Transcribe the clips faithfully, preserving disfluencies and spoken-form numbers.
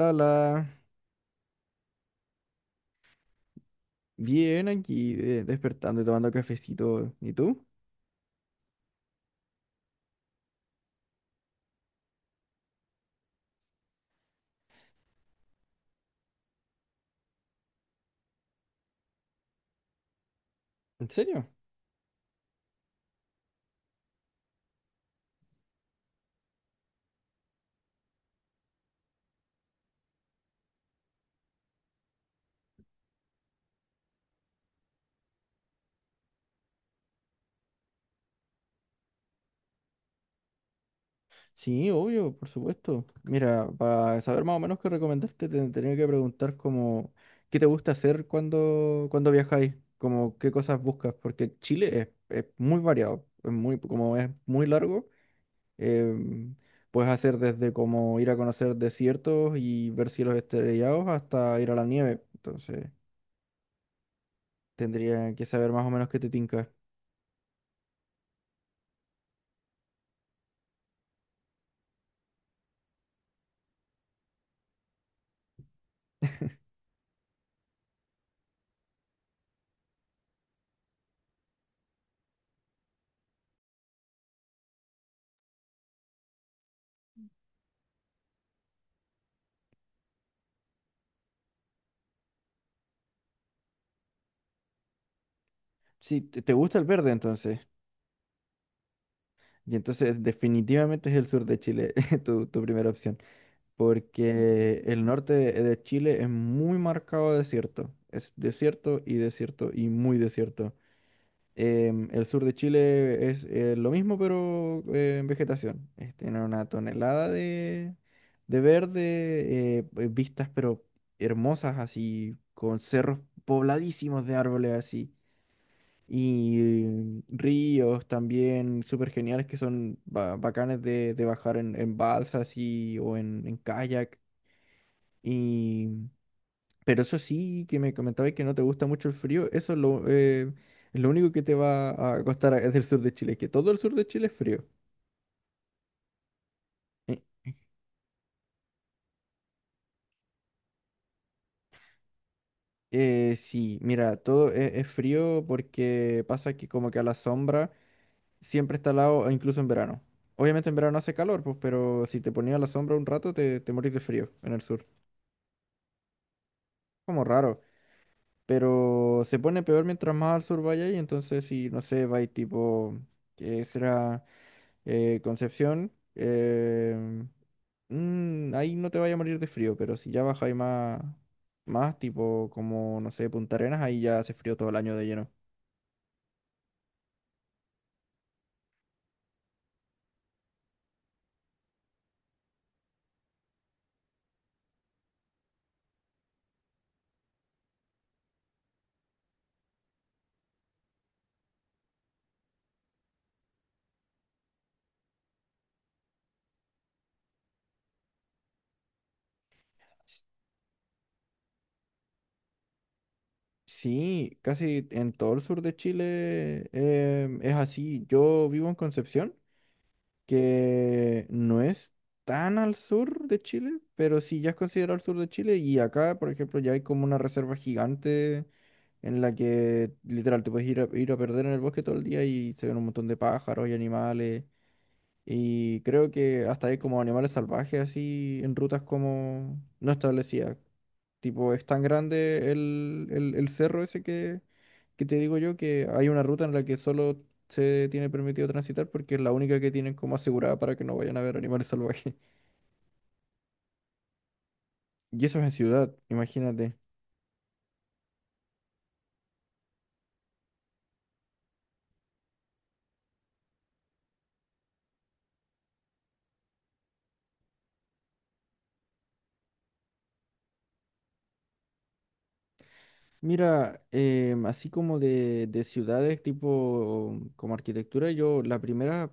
La la, bien aquí, de- despertando y tomando cafecito. ¿Y tú? ¿En serio? Sí, obvio, por supuesto. Mira, para saber más o menos qué recomendarte, te tenía que preguntar como qué te gusta hacer cuando, cuando viajáis, como qué cosas buscas, porque Chile es, es muy variado, es muy, como es muy largo, em, puedes hacer desde como ir a conocer desiertos y ver cielos estrellados hasta ir a la nieve. Entonces, tendría que saber más o menos qué te tinca. Sí, te te gusta el verde entonces. Y entonces definitivamente es el sur de Chile tu, tu primera opción, porque el norte de, de Chile es muy marcado desierto. Es desierto y desierto y muy desierto. Em, el sur de Chile es eh, lo mismo, pero eh, en vegetación. Es- tiene una tonelada de, de verde, eh, eh, vistas pero hermosas así, con cerros pobladísimos de árboles así. Y ríos también súper geniales que son ba- bacanes de, de bajar en, en balsas y, o en, en kayak. Y, pero eso sí, que me comentabas que no te gusta mucho el frío, eso es lo, eh, es lo único que te va a costar es del sur de Chile, que todo el sur de Chile es frío. Eh, eh, sí, mira, todo es, es frío porque pasa que como que a la sombra siempre está al lado, incluso en verano. Obviamente en verano hace calor, pues, pero si te ponías a la sombra un rato te, te morís de frío en el sur. Como raro, pero se pone peor mientras más al sur vaya y entonces si, no sé, vais tipo, que será eh, Concepción, em, mm, ahí no te vaya a morir de frío, pero si ya baja y más, más tipo como, no sé, Punta Arenas, ahí ya hace frío todo el año de lleno. Sí, casi en todo el sur de Chile em, es así. Yo vivo en Concepción. Que no es tan al sur de Chile, pero sí ya es considerado al sur de Chile. Y acá, por ejemplo, ya hay como una reserva gigante en la que literal te puedes ir a, ir a perder en el bosque todo el día y se ven un montón de pájaros y animales. Y creo que hasta hay como animales salvajes así en rutas como no establecidas. Tipo, es tan grande el, el, el cerro ese que, que te digo yo que hay una ruta en la que solo se tiene permitido transitar porque es la única que tienen como asegurada para que no vayan a ver animales salvajes. Y eso es en ciudad, imagínate. Mira, em, así como de, de ciudades tipo como arquitectura, yo la primera,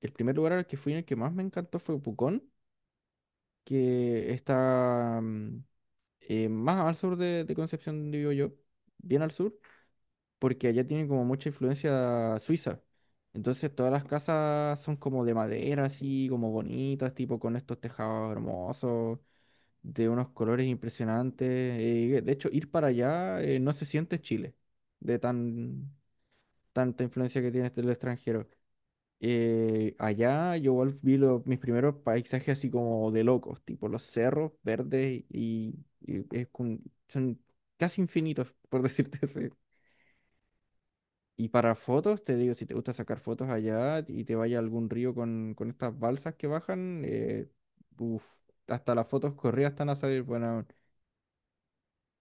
el primer lugar al que fui en el que más me encantó fue Pucón, que está mm, eh, más al sur de, de Concepción, digo yo, bien al sur, porque allá tienen como mucha influencia suiza. Entonces todas las casas son como de madera, así como bonitas, tipo con estos tejados hermosos, de unos colores impresionantes. Eh, de hecho, ir para allá eh, no se siente Chile, de tan, tanta influencia que tiene este- el extranjero. Eh, allá yo igual vi lo- mis primeros paisajes así como de locos, tipo los cerros verdes y, y es con- son casi infinitos, por decirte así. Y para fotos, te digo, si te gusta sacar fotos allá y te vaya a algún río con, con estas balsas que bajan, eh, uf, hasta las fotos corridas están a salir, bueno,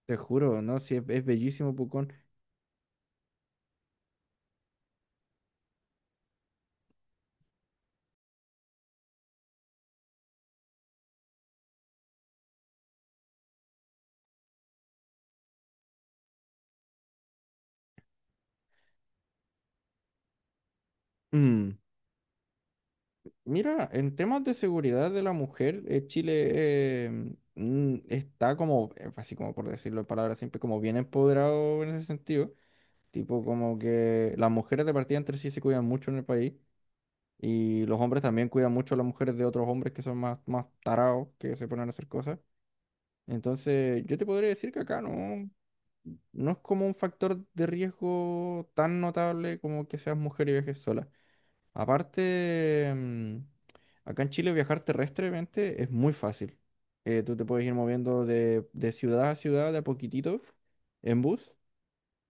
te juro, ¿no? Si es, es bellísimo, Pucón. Mm, Mira, en temas de seguridad de la mujer, eh, Chile eh, mm, está como, eh, así como por decirlo en palabras siempre como bien empoderado en ese sentido. Tipo como que las mujeres de partida entre sí se cuidan mucho en el país y los hombres también cuidan mucho a las mujeres de otros hombres que son más, más tarados, que se ponen a hacer cosas. Entonces, yo te podría decir que acá no, no es como un factor de riesgo tan notable como que seas mujer y viajes sola. Aparte, mm, acá en Chile viajar terrestremente es muy fácil. Eh, tú te puedes ir moviendo de, de ciudad a ciudad de a poquitito en bus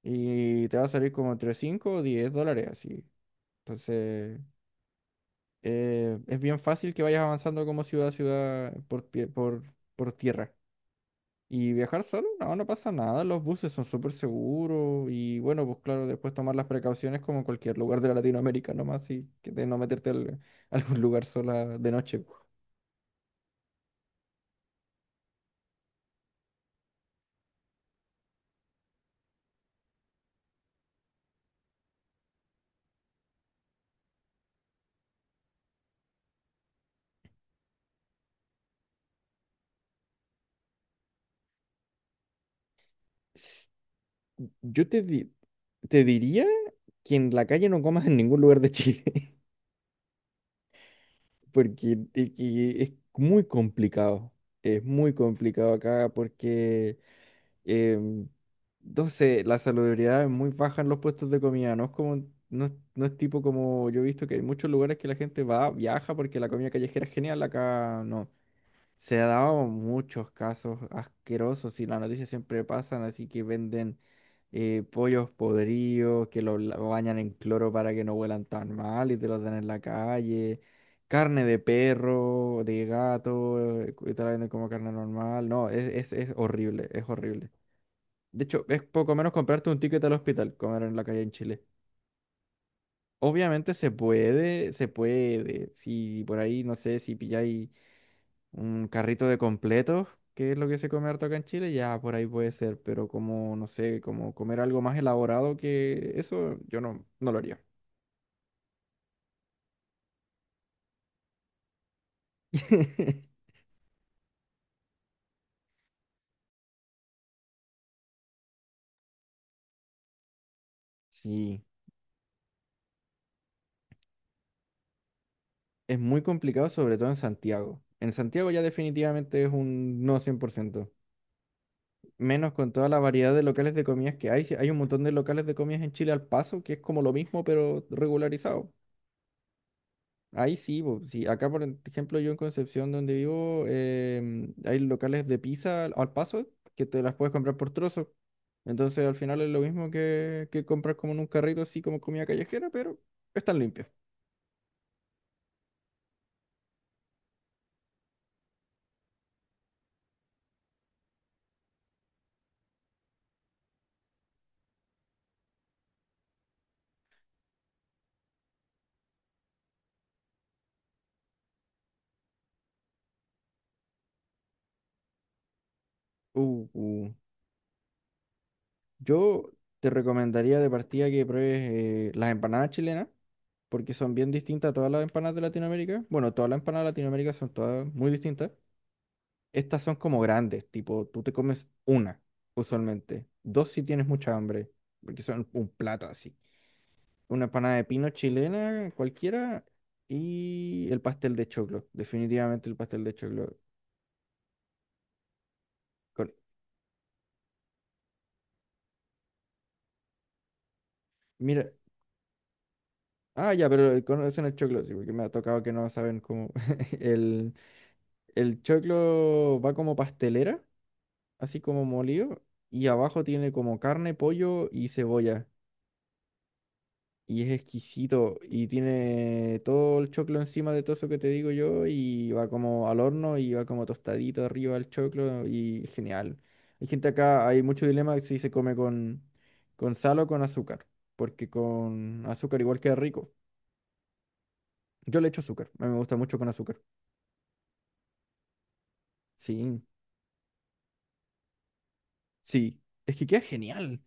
y te va a salir como entre cinco o diez dólares así. Entonces, eh, es bien fácil que vayas avanzando como ciudad a ciudad por, pie- por, por tierra. Y viajar solo, no, no pasa nada, los buses son súper seguros y bueno, pues claro, después tomar las precauciones como en cualquier lugar de la Latinoamérica nomás y que de no meterte al- a algún lugar sola de noche. S- yo te, di- te diría que en la calle no comas en ningún lugar de Chile, porque e- que es muy complicado, es muy complicado acá porque Em, entonces, la saludabilidad es muy baja en los puestos de comida, no es como, no, es no es tipo como yo he visto que hay muchos lugares que la gente va, viaja porque la comida callejera es genial, acá no. Se ha dado muchos casos asquerosos y las noticias siempre pasan, así que venden eh, pollos podridos, que los la- bañan en cloro para que no huelan tan mal y te los dan en la calle. Carne de perro, de gato, eh, y te la venden como carne normal. No, es, es es horrible, es horrible. De hecho, es poco menos comprarte un ticket al hospital, comer en la calle en Chile. Obviamente se puede, se puede. Si por ahí, no sé, si pilláis un carrito de completos, que es lo que se come harto acá en Chile, ya por ahí puede ser. Pero como, no sé, como comer algo más elaborado que eso, yo no, no lo haría. Sí, es muy complicado, sobre todo en Santiago. En Santiago ya definitivamente es un no cien por ciento. Menos con toda la variedad de locales de comidas que hay. Si hay un montón de locales de comidas en Chile al paso, que es como lo mismo, pero regularizado. Ahí sí, bo, sí. Acá, por ejemplo, yo en Concepción, donde vivo, em, hay locales de pizza al al paso que te las puedes comprar por trozos. Entonces, al final es lo mismo que, que comprar como en un carrito, así como comida callejera, pero están limpias. Uh, uh. Yo te recomendaría de partida que pruebes eh, las empanadas chilenas, porque son bien distintas a todas las empanadas de Latinoamérica. Bueno, todas las empanadas de Latinoamérica son todas muy distintas. Estas son como grandes, tipo, tú te comes una, usualmente. Dos si tienes mucha hambre, porque son un plato así. Una empanada de pino chilena, cualquiera, y el pastel de choclo, definitivamente el pastel de choclo. Con- mira, ah, ya, pero conocen el choclo, sí, porque me ha tocado que no saben cómo el... El choclo va como pastelera, así como molido, y abajo tiene como carne, pollo y cebolla. Y es exquisito, y tiene todo el choclo encima de todo eso que te digo yo, y va como al horno, y va como tostadito arriba el choclo, y genial. Hay gente acá, hay mucho dilema si se come con, con sal o con azúcar, porque con azúcar igual queda rico. Yo le echo azúcar, a mí me gusta mucho con azúcar. Sí, sí, es que queda genial.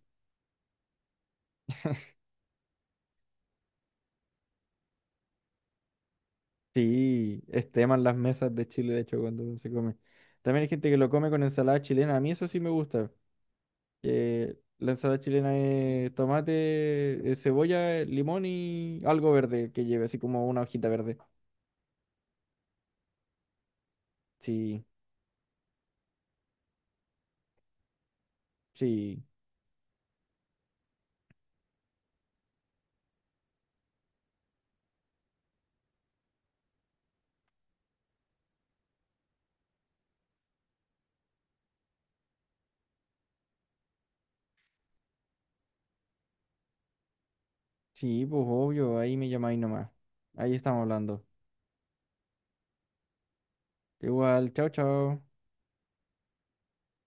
Sí, esteman las mesas de Chile, de hecho, cuando se come. También hay gente que lo come con ensalada chilena. A mí eso sí me gusta. Que la ensalada chilena es tomate, eh, cebolla, eh, limón y algo verde que lleve, así como una hojita verde. Sí, sí, sí, pues obvio, ahí me llamáis nomás. Ahí estamos hablando. Igual, chao, chao.